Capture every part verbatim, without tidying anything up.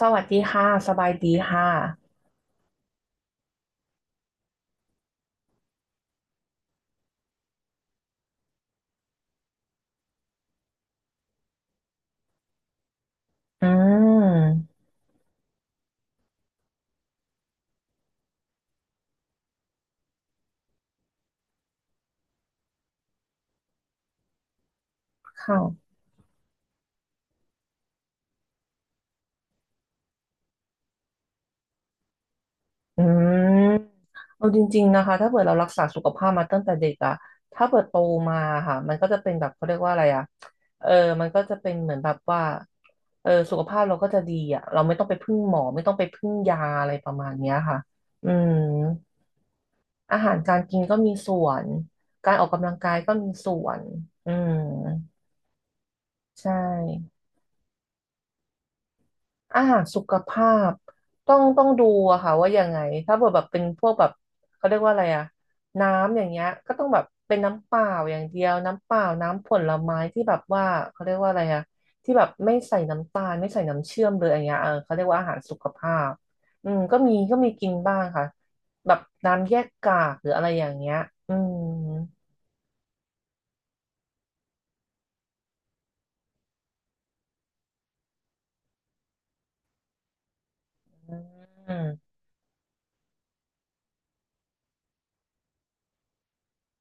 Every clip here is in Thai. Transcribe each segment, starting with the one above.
สวัสดีค่ะสบายดีค่ะอืมค่ะอืมเอาจริงๆนะคะถ้าเกิดเรารักษาสุขภาพมาตั้งแต่เด็กอะถ้าเกิดโตมาค่ะมันก็จะเป็นแบบเขาเรียกว่าอะไรอะเออมันก็จะเป็นเหมือนแบบว่าเออสุขภาพเราก็จะดีอะเราไม่ต้องไปพึ่งหมอไม่ต้องไปพึ่งยาอะไรประมาณเนี้ยค่ะอืมอาหารการกินก็มีส่วนการออกกำลังกายก็มีส่วนอืมใช่ อาหารสุขภาพต้องต้องดูอะค่ะว่ายังไงถ้าเกิดแบบเป็นพวกแบบเขาเรียกว่าอะไรอะน้ำอย่างเงี้ยก็ต้องแบบเป็นน้ำเปล่าอย่างเดียวน้ำเปล่าน้ำผลไม้ที่แบบว่าเขาเรียกว่าอะไรอะที่แบบไม่ใส่น้ำตาลไม่ใส่น้ำเชื่อมเลยอย่างเงี้ยเออเขาเรียกว่าอาหารสุขภาพอืมก็มีก็มีกินบ้างค่ะแบบน้ำแยกกากหรืออะไรอย่างเงี้ยอืมอืม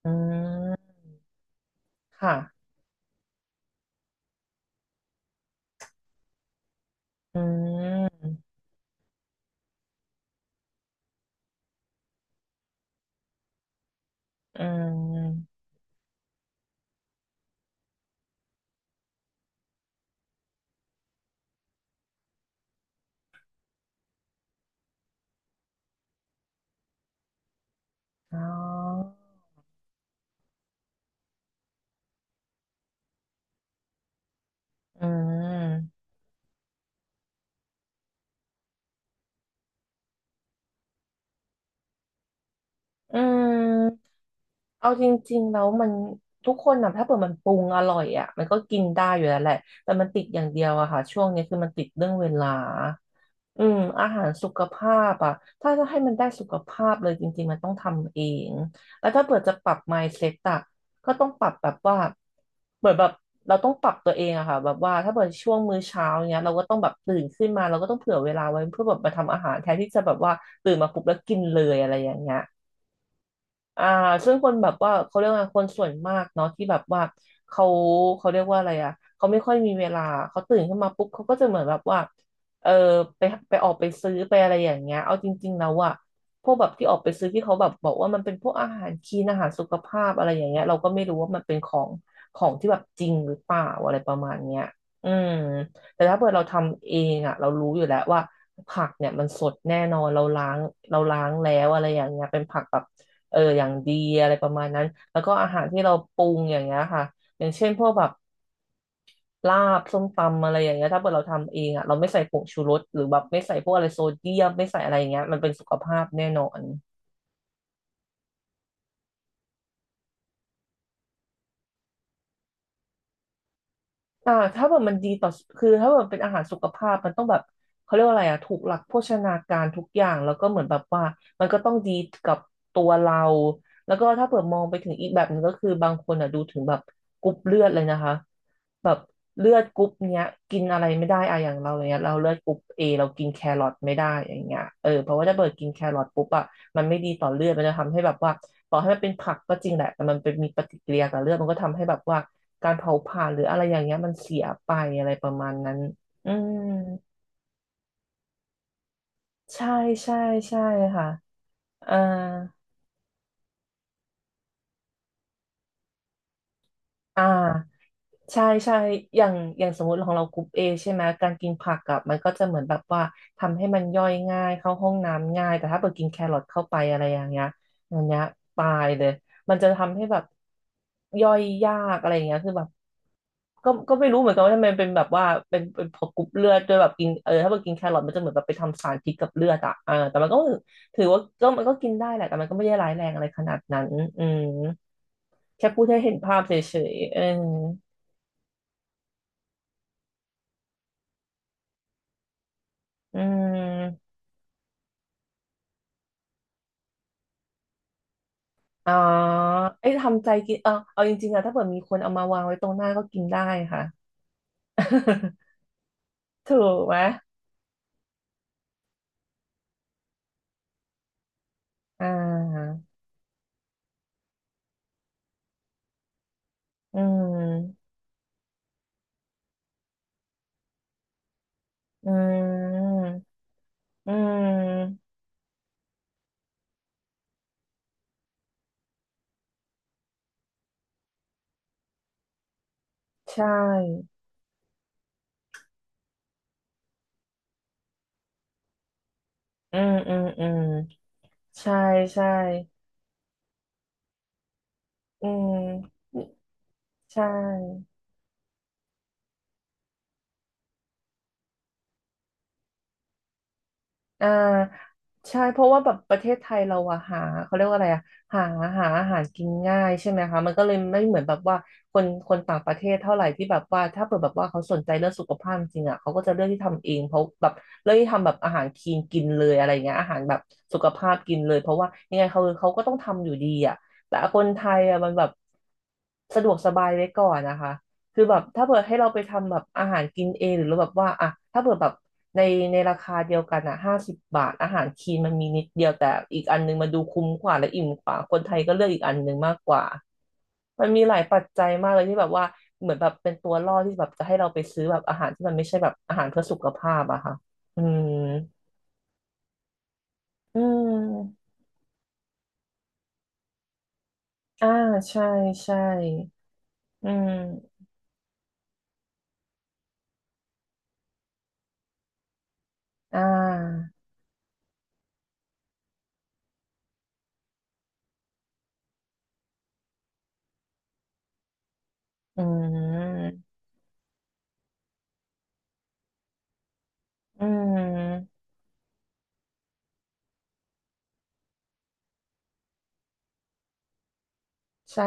อืมค่ะอืมอืมอ๋อ อืมอืมเอาจริงๆแล้วมันทุกคนนะถ้าเปิดมันปรุงอร่อยอ่ะมันก็กินได้อยู่แล้วแหละแต่มันติดอย่างเดียวอะค่ะช่วงนี้คือมันติดเรื่องเวลาอืมอาหารสุขภาพอะถ้าจะให้มันได้สุขภาพเลยจริงๆมันต้องทำเองแล้วถ้าเปิดจะปรับ mindset อะก็ต้องปรับแบบว่าเหมือนแบบเราต้องปรับตัวเองอะค่ะแบบว่าถ้าเปิดช่วงมื้อเช้าเนี้ยเราก็ต้องแบบตื่นขึ้นมาเราก็ต้องเผื่อเวลาไว้เพื่อแบบมาทำอาหารแทนที่จะแบบว่าตื่นมาปุ๊บแล้วกินเลยอะไรอย่างเงี้ย อ่าซึ่งคนแบบว่าเขาเรียกว่าคนส่วนมากเนาะที่แบบว่าเขาเขาเรียกว่าอะไรอ่ะเขาไม่ค่อยมีเวลาเขาตื่นขึ้นมาปุ๊บเขาก็จะเหมือนแบบว่าเออไปไปออกไปซื้อไปอะไรอย่างเงี้ยเอาจริงๆแล้วอะพวกแบบที่ออกไปซื้อที่เขาแบบบอกว่ามันเป็นพวกอาหารคลีนอาหารสุขภาพอะไรอย่างเงี้ยเราก็ไม่รู้ว่ามันเป็นของของที่แบบจริงหรือเปล่าอะไรประมาณเนี้ยอืมแต่ถ้าเกิดเราทำเองอะเรารู้อยู่แล้วว่าผักเนี่ยมันสดแน่นอนเราล้างเราล้างแล้วอะไรอย่างเงี้ยเป็นผักแบบ เอออย่างดีอะไรประมาณนั้นแล้วก็อาหารที่เราปรุงอย่างเงี้ยค่ะอย่างเช่นพวกแบบลาบส้มตำอะไรอย่างเงี้ยถ้าเกิดเราทำเองอ่ะเราไม่ใส่ผงชูรสหรือแบบไม่ใส่พวกอะไรโซเดียมไม่ใส่อะไรอย่างเงี้ยมันเป็นสุขภาพแน่นอน อ่าถ้าแบบมันดีต่อคือถ้าแบบเป็นอาหารสุขภาพมันต้องแบบเขาเรียกว่าอะไรอ่ะถูกหลักโภชนาการทุกอย่างแล้วก็เหมือนแบบว่ามันก็ต้องดีกับตัวเราแล้วก็ถ้าเผื่อมองไปถึงอีกแบบหนึงก็คือบางคนอ่ะดูถึงแบบกรุ๊ปเลือดเลยนะคะแบบเลือดกรุ๊ปเนี้ยกินอะไรไม่ได้อะอย่างเราอย่างเงี้ยเราเลือดกรุ๊ปเอเรากินแครอทไม่ได้อย่างเงี้ยเออเพราะว่าถ้าเปิดกินแครอทปุ๊บอ่ะ มันไม่ดีต่อเลือดมันจะทำให้แบบว่าต่อให้มันเป็นผักก็จริงแหละแต่มันเป็นมีปฏิกิริยากับเลือดมันก็ทำให้แบบว่าการเผาผลาญหรืออะไรอย่างเงี้ยมันเสียไปอะไรประมาณนั้นอืมใช่ใช่ใช่ค่ะเอ่ออ่า ใช่ใช่อย่างอย่างสมมติของเรากรุ๊ปเอใช่ไหมการกินผักอะมันก็จะเหมือนแบบว่า ทำให้มันย่อยง่าย เข้าห้องน้ำง่ายแต่ถ้าเกิดกินแครอทเข้าไปอะไรอย่างเงี้ยอย่างเงี้ยตายเลยมันจะทำให้แบบย่อยยากอะไรอย่างเงี้ยคือแบบก็ก็ไม่รู้เหมือนกันว่าทำไมเป็นแบบว่าเป็นเป็นพอกรุ๊ปเลือดด้วยแบบกินเออถ้าเกิดกินแครอทมันจะเหมือนแบบไปทำสารพิษกับเลือดอะเออแต่มันก็ถือว่าก็มันก็กินได้แหละแต่มันก็ไม่ได้ร้ายแรงอะไรขนาดนั้นอืมแค่พูดให้เห็นภาพเฉยๆเออ อืม อ๋อไอ้ยทำใจกินเออเอาจริงๆอะถ้าเกิดมีคนเอามาวางไว้ตรงหน้าก็กินได้ค่ะ ถูกไหมอ่า อืม อืม อืม ใช่ อืม อืมอืมใช่ใช่ อืม ใช่ อ่าใช่เพราะว่าแบบประเทศไทยเราอะหาเขาเรียกว่าอะไรอะหาหาอาหารกินง่ายใช่ไหมคะมันก็เลยไม่เหมือนแบบว่าคนคนต่างประเทศเท่าไหร่ที่แบบว่าถ้าเปิดแบบว่าเขาสนใจเรื่องสุขภาพจริงอะเขาก็จะเลือกที่ทำเองเพราะแบบเลือกที่ทำแบบอาหารคลีนกินเลยอะไรเงี้ยอาหารแบบสุขภาพกินเลยเพราะว่ายังไงเขาเขาก็ต้องทำอยู่ดีอะแต่คนไทยอะมันแบบสะดวกสบายไว้ก่อนนะคะ คือแบบถ้าเผื่อให้เราไปทำแบบอาหารกินเองหรือเราแบบว่าอ่ะถ้าเผื่อแบบในในราคาเดียวกันอ่ะห้าสิบบาทอาหารคีนมันมีนิดเดียวแต่อีกอันนึงมันดูคุ้มกว่าและอิ่มกว่าคนไทยก็เลือกอีกอันนึงมากกว่ามันมีหลายปัจจัยมากเลยที่แบบว่าเหมือนแบบเป็นตัวล่อที่แบบจะให้เราไปซื้อแบบอาหารที่มันไม่ใช่แบบอาหารเพื่อสุขภาพอะค่ะอืมอืมอ่าใช่ใช่อืมอ่าอืมอืมใช่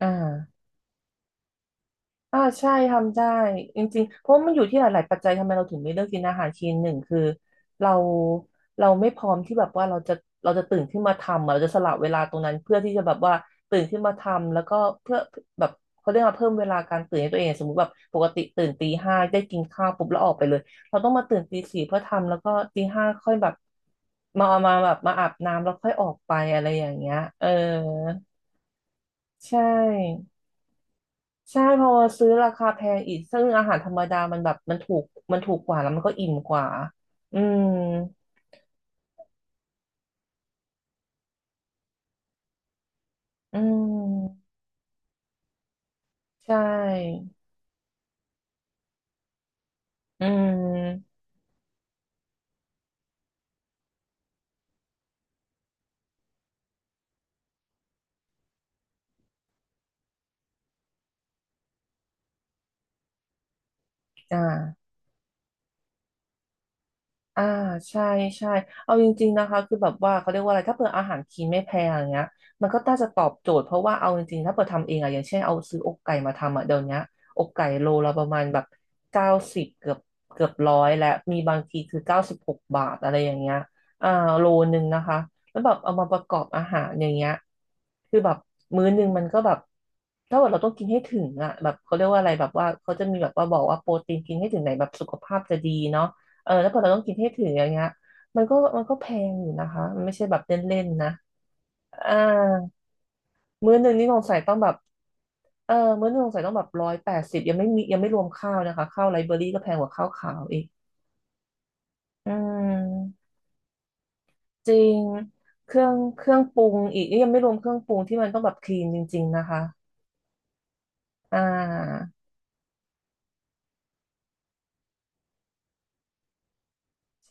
อ่า อ่าใช่ทำได้จริงๆเพราะมันอยู่ที่หลายๆปัจจัยทำไมเราถึงไม่เลือกกินอาหารคลีนหนึ่งคือเราเราไม่พร้อมที่แบบว่าเราจะเราจะตื่นขึ้นมาทำอะเราจะสละเวลาตรงนั้นเพื่อที่จะแบบว่าตื่นขึ้นมาทำแล้วก็เพื่อแบบเขาเรียกว่าเพิ่มเวลาการตื่นให้ตัวเองสมมติแบบปกติตื่นตีห้าได้กินข้าวปุ๊บแล้วออกไปเลยเราต้องมาตื่นตีสี่เพื่อทำแล้วก็ตีห้าค่อยแบบมามาแบบมาอาบน้ำแล้วค่อยออกไปอะไรอย่างเงี้ยเออใช่ ใช่พอซื้อราคาแพงอีกซึ่งอาหารธรรมดามันแบบมันถูกมันถูกกว่าแล้วมันก็อิ่มกว่าอืมอืมใช่อืมอ่า อ่าใช่ใช่เอาจริงๆนะคะคือแบบว่าเขาเรียกว่าอะไรถ้าเปิดอาหารคลีนไม่แพงอย่างเงี้ยมันก็น่าจะตอบโจทย์เพราะว่าเอาจริงๆถ้าเปิดทำเองอะอย่างเช่นเอาซื้ออกไก่มาทำอะเดี๋ยวเนี้ยอกไก่โลละประมาณแบบเก้าสิบเกือบเกือบร้อยและมีบางทีคือเก้าสิบหกบาทอะไรอย่างเงี้ยอ่าโลนึงนะคะแล้วแบบเอามาประกอบอาหารอย่างเงี้ยคือแบบมื้อนึงมันก็แบบถ้าว่าเราต้องกินให้ถึงอะแบบเขาเรียกว่าอะไรแบบว่าเขาจะมีแบบว่าบอกว่าโปรตีนกินให้ถึงไหนแบบสุขภาพจะดีเนาะ เออแล้วพอเราต้องกินให้ถึงอย่างเงี้ยมันก็มันก็แพงอยู่นะคะมันไม่ใช่แบบเล่นๆนะอ่ามื้อหนึ่งนี่สงสัยต้องแบบเออมื้อหนึ่งสงสัยต้องแบบร้อยแปดสิบยังไม่มียังไม่รวมข้าวนะคะข้าวไลเบอรี่ก็แพงกว่าข้าวขาวอีกอืมจริงเครื่องเครื่องปรุงอีกนี่ยังไม่รวมเครื่องปรุงที่มันต้องแบบคลีนจริงๆนะคะอ่า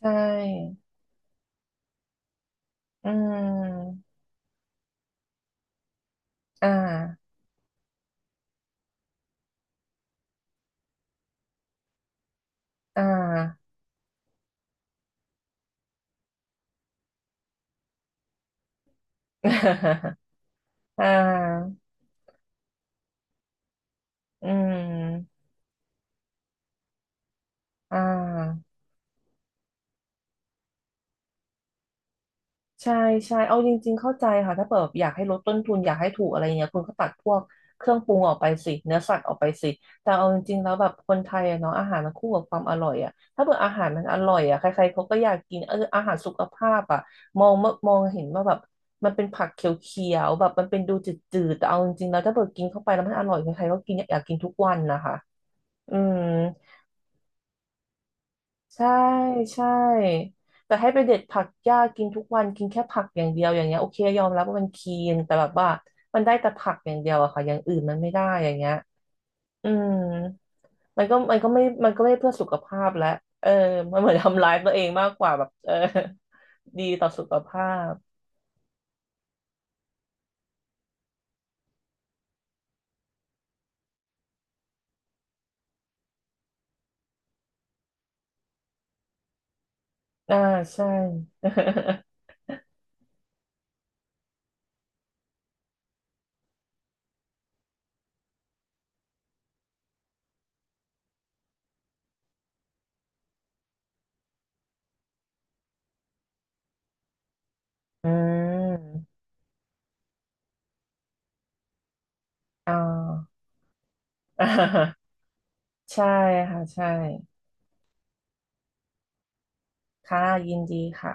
ใช่อืมอ่าอ่า อ่า อืมอ่า ใช่ใช่เอาจริงๆเข้าใจค่ะถ้าเปิดแบบอยากให้ลดต้นทุนอยากให้ถูกอะไรเงี้ยคุณก็ตัดพวกเครื่องปรุงออกไปสิเนื้อสัตว์ออกไปสิแต่เอาจริงๆแล้วแบบคนไทยอะเนาะอาหารมันคู่กับความอร่อยอะถ้าเปิดอาหารมันอร่อยอะใครๆเขาก็อยากกินเอออาหารสุขภาพอะมองมองเห็นว่าแบบมันเป็นผักเขียวๆแบบมันเป็นดูจืดๆแต่เอาจริงๆแล้วถ้าเปิดกินเข้าไปแล้วมันอร่อยใครๆก็กินอยากกินทุกวันนะคะอืม ใช่ใช่แต่ให้ไปเด็ดผักหญ้ากินทุกวันกินแค่ผักอย่างเดียวอย่างเงี้ยโอเคยอมรับว่ามันคีนแต่แบบว่ามันได้แต่ผักอย่างเดียวอะค่ะอย่างอื่นมันไม่ได้อย่างเงี้ยอืมมันก็มันก็ไม่มันก็ไม่เพื่อสุขภาพแล้วเออมันเหมือนทำร้ายตัวเองมากกว่าแบบเออดีต่อสุขภาพอ่าใช่ อืมอ่า ใช่ค่ะใช่ค่ะยินดีค่ะ